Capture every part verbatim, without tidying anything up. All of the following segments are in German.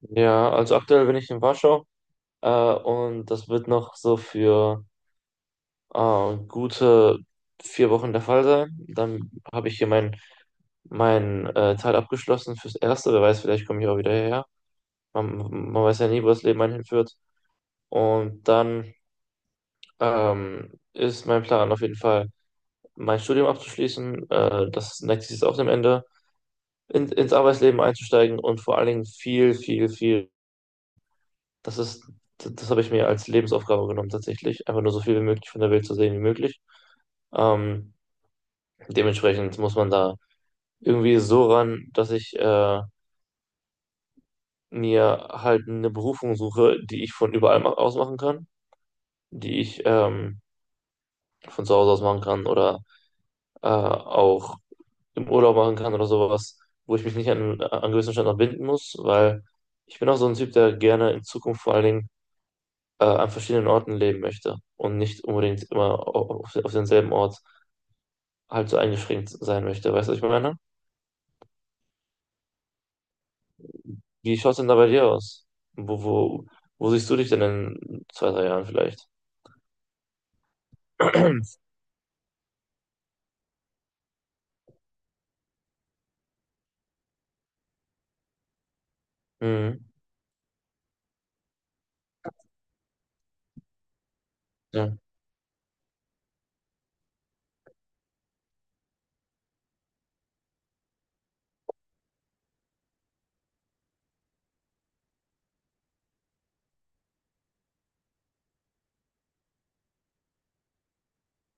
Ja, also aktuell bin ich in Warschau äh, und das wird noch so für äh, gute vier Wochen der Fall sein. Dann habe ich hier mein, mein äh, Teil abgeschlossen fürs Erste. Wer weiß, vielleicht komme ich auch wieder hierher. Man, man weiß ja nie, wo das Leben einen hinführt. Und dann ähm, ist mein Plan auf jeden Fall, mein Studium abzuschließen. Äh, das nächste ist auch dem Ende. In, ins Arbeitsleben einzusteigen und vor allen Dingen viel, viel, viel. Das ist, d- Das habe ich mir als Lebensaufgabe genommen, tatsächlich einfach nur so viel wie möglich von der Welt zu sehen wie möglich. Ähm, Dementsprechend muss man da irgendwie so ran, dass ich äh, mir halt eine Berufung suche, die ich von überall ma- aus machen kann, die ich ähm, von zu Hause aus machen kann oder äh, auch im Urlaub machen kann oder sowas, wo ich mich nicht an, an gewissen Standort binden muss, weil ich bin auch so ein Typ, der gerne in Zukunft vor allen Dingen äh, an verschiedenen Orten leben möchte und nicht unbedingt immer au- auf, auf denselben Ort halt so eingeschränkt sein möchte. Weißt du, was ich meine? Wie schaut es denn da bei dir aus? Wo, wo, wo siehst du dich denn in zwei, drei Jahren vielleicht? Mhm. Ja.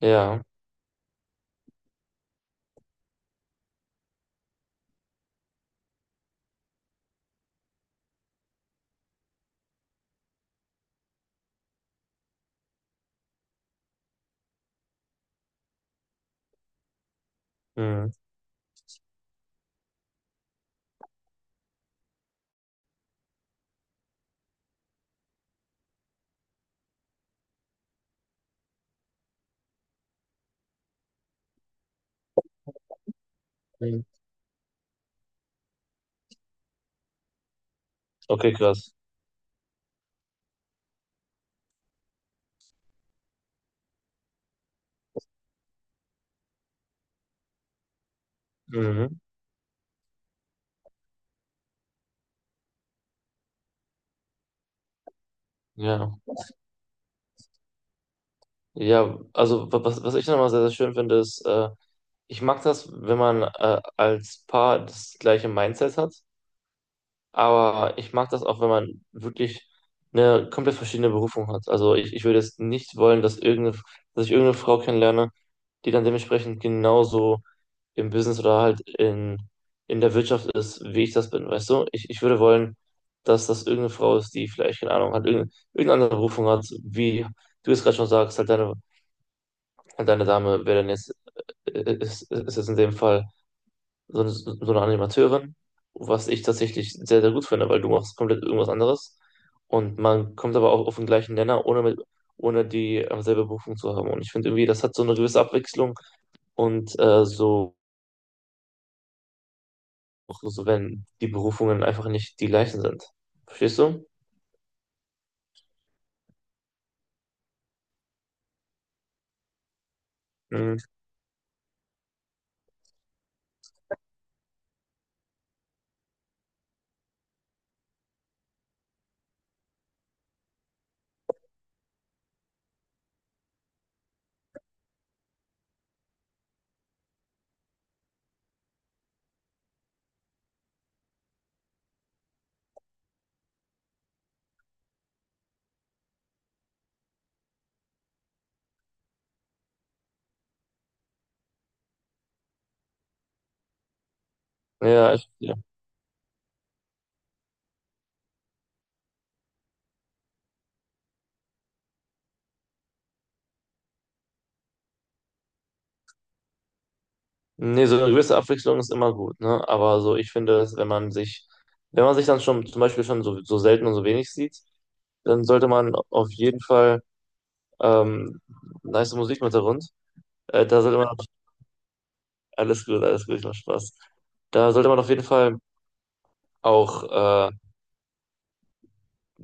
Ja. Mhm. Mhm. Okay, krass. Mhm. Ja. Ja, also wa- was, was ich nochmal sehr, sehr schön finde, ist, äh, ich mag das, wenn man äh, als Paar das gleiche Mindset hat. Aber ich mag das auch, wenn man wirklich eine komplett verschiedene Berufung hat. Also ich, ich würde jetzt nicht wollen, dass irgendeine, dass ich irgendeine Frau kennenlerne, die dann dementsprechend genauso im Business oder halt in, in der Wirtschaft ist, wie ich das bin, weißt du? Ich, ich würde wollen, dass das irgendeine Frau ist, die vielleicht, keine Ahnung, hat, irgendeine, irgendeine andere Berufung hat, wie du es gerade schon sagst, halt deine, halt deine Dame wäre dann jetzt, äh, ist, ist jetzt in dem Fall so eine, so eine Animateurin, was ich tatsächlich sehr, sehr gut finde, weil du machst komplett irgendwas anderes und man kommt aber auch auf den gleichen Nenner, ohne, mit, ohne die äh, selbe Berufung zu haben. Und ich finde irgendwie, das hat so eine gewisse Abwechslung und äh, so, auch so, wenn die Berufungen einfach nicht die gleichen sind. Verstehst du? Mhm. Ja, ich, ja. Nee, so eine gewisse Abwechslung ist immer gut, ne? Aber so, ich finde, dass wenn man sich, wenn man sich dann schon zum Beispiel schon so, so selten und so wenig sieht, dann sollte man auf jeden Fall. Ähm, Nice Musik im Hintergrund. Äh, da sollte man auf- Alles gut, alles gut, ich mach Spaß. Da sollte man auf jeden Fall auch äh,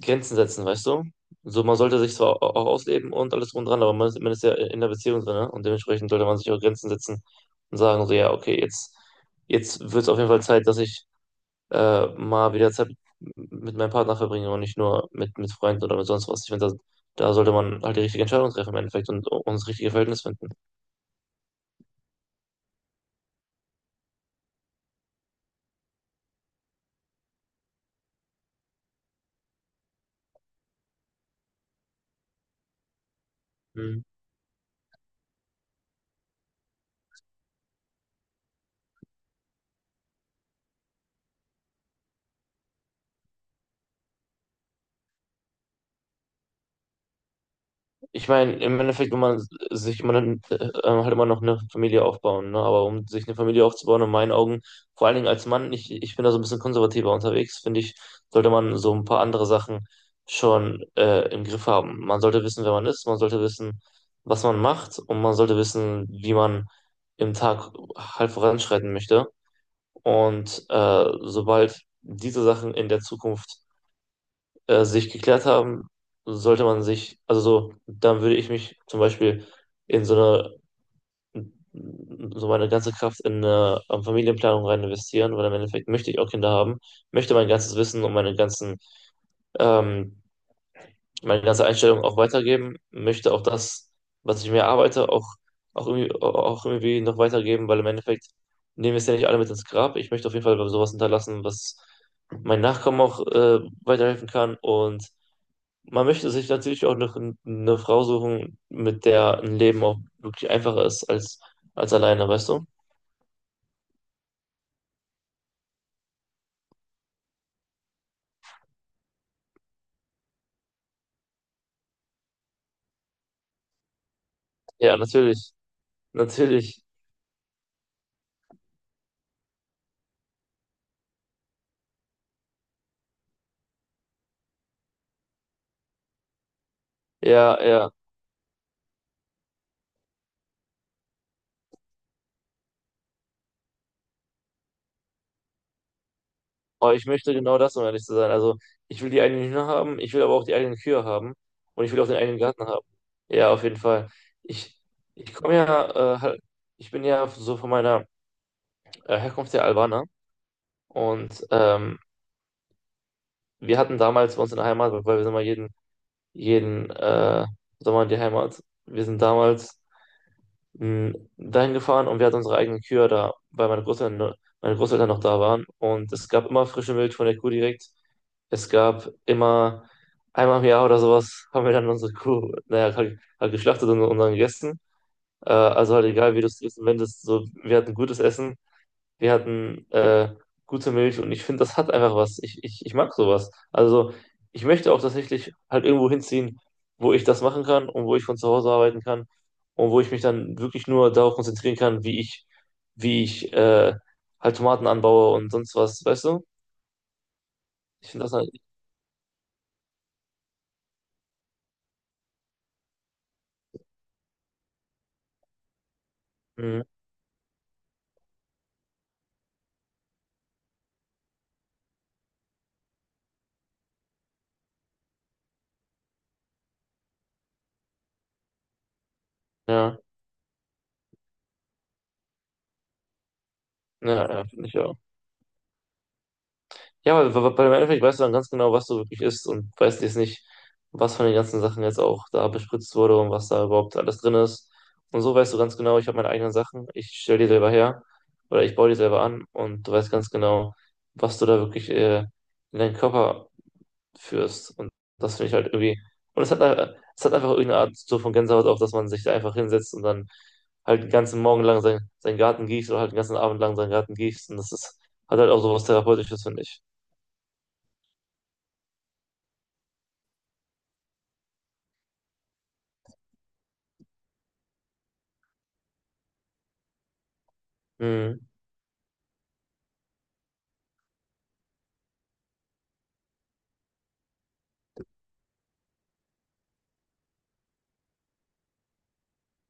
Grenzen setzen, weißt du? So, man sollte sich zwar au- auch ausleben und alles drum und dran, aber man ist, man ist ja in der Beziehung drin, ne? Und dementsprechend sollte man sich auch Grenzen setzen und sagen, so, ja, okay, jetzt, jetzt wird es auf jeden Fall Zeit, dass ich äh, mal wieder Zeit mit meinem Partner verbringe und nicht nur mit, mit Freunden oder mit sonst was. Ich finde, da, da sollte man halt die richtige Entscheidung treffen im Endeffekt und, und das richtige Verhältnis finden. Ich meine, im Endeffekt will man sich immer dann, äh, äh, halt immer noch eine Familie aufbauen, ne? Aber um sich eine Familie aufzubauen, in meinen Augen, vor allen Dingen als Mann, ich, ich bin da so ein bisschen konservativer unterwegs, finde ich, sollte man so ein paar andere Sachen schon äh, im Griff haben. Man sollte wissen, wer man ist, man sollte wissen, was man macht und man sollte wissen, wie man im Tag halt voranschreiten möchte. Und äh, sobald diese Sachen in der Zukunft äh, sich geklärt haben, sollte man sich, also so, dann würde ich mich zum Beispiel in so eine, so meine ganze Kraft in eine ähm, Familienplanung rein investieren, weil im Endeffekt möchte ich auch Kinder haben, möchte mein ganzes Wissen und meine ganzen, ähm, meine ganze Einstellung auch weitergeben, möchte auch das, was ich mir arbeite, auch, auch irgendwie, auch irgendwie noch weitergeben, weil im Endeffekt nehmen wir es ja nicht alle mit ins Grab. Ich möchte auf jeden Fall sowas hinterlassen, was mein Nachkommen auch äh, weiterhelfen kann, und man möchte sich natürlich auch noch eine Frau suchen, mit der ein Leben auch wirklich einfacher ist als, als alleine, weißt du? Ja, natürlich, natürlich, ja, ja. Aber ich möchte genau das, um ehrlich zu sein. Also, ich will die eigenen Hühner haben, ich will aber auch die eigenen Kühe haben und ich will auch den eigenen Garten haben. Ja, auf jeden Fall. Ich, ich komme ja, äh, halt- Ich bin ja so von meiner äh, Herkunft der Albaner und ähm, wir hatten damals bei uns in der Heimat, weil wir sind mal jeden, jeden äh, Sommer in die Heimat. Wir sind damals mh, dahin gefahren und wir hatten unsere eigenen Kühe da, weil meine Großeltern, ne- meine Großeltern noch da waren. Und es gab immer frische Milch von der Kuh direkt. Es gab immer einmal im Jahr oder sowas, haben wir dann unsere Kuh, naja, halt, halt geschlachtet und, und dann gegessen. Äh, also halt egal, wie du es wendest, so, wir hatten gutes Essen, wir hatten äh, gute Milch und ich finde, das hat einfach was. Ich, ich, ich mag sowas. Also ich möchte auch tatsächlich halt irgendwo hinziehen, wo ich das machen kann und wo ich von zu Hause arbeiten kann und wo ich mich dann wirklich nur darauf konzentrieren kann, wie ich, wie ich äh, halt Tomaten anbaue und sonst was, weißt du? Ich finde das halt, mm, Ja, ja, ja, finde ich auch. Ja, weil, weil weil im Endeffekt weißt du dann ganz genau, was du wirklich isst und weißt jetzt nicht, was von den ganzen Sachen jetzt auch da bespritzt wurde und was da überhaupt alles drin ist. Und so weißt du ganz genau, ich habe meine eigenen Sachen, ich stelle die selber her oder ich baue die selber an und du weißt ganz genau, was du da wirklich äh, in deinen Körper führst. Und das finde ich halt irgendwie. Und es hat, äh, es hat einfach irgendeine Art so von Gänsehaut auf, dass man sich da einfach hinsetzt und dann halt den ganzen Morgen lang sein, seinen Garten gießt oder halt den ganzen Abend lang seinen Garten gießt. Und das ist, hat halt auch so was Therapeutisches, finde ich. Mhm.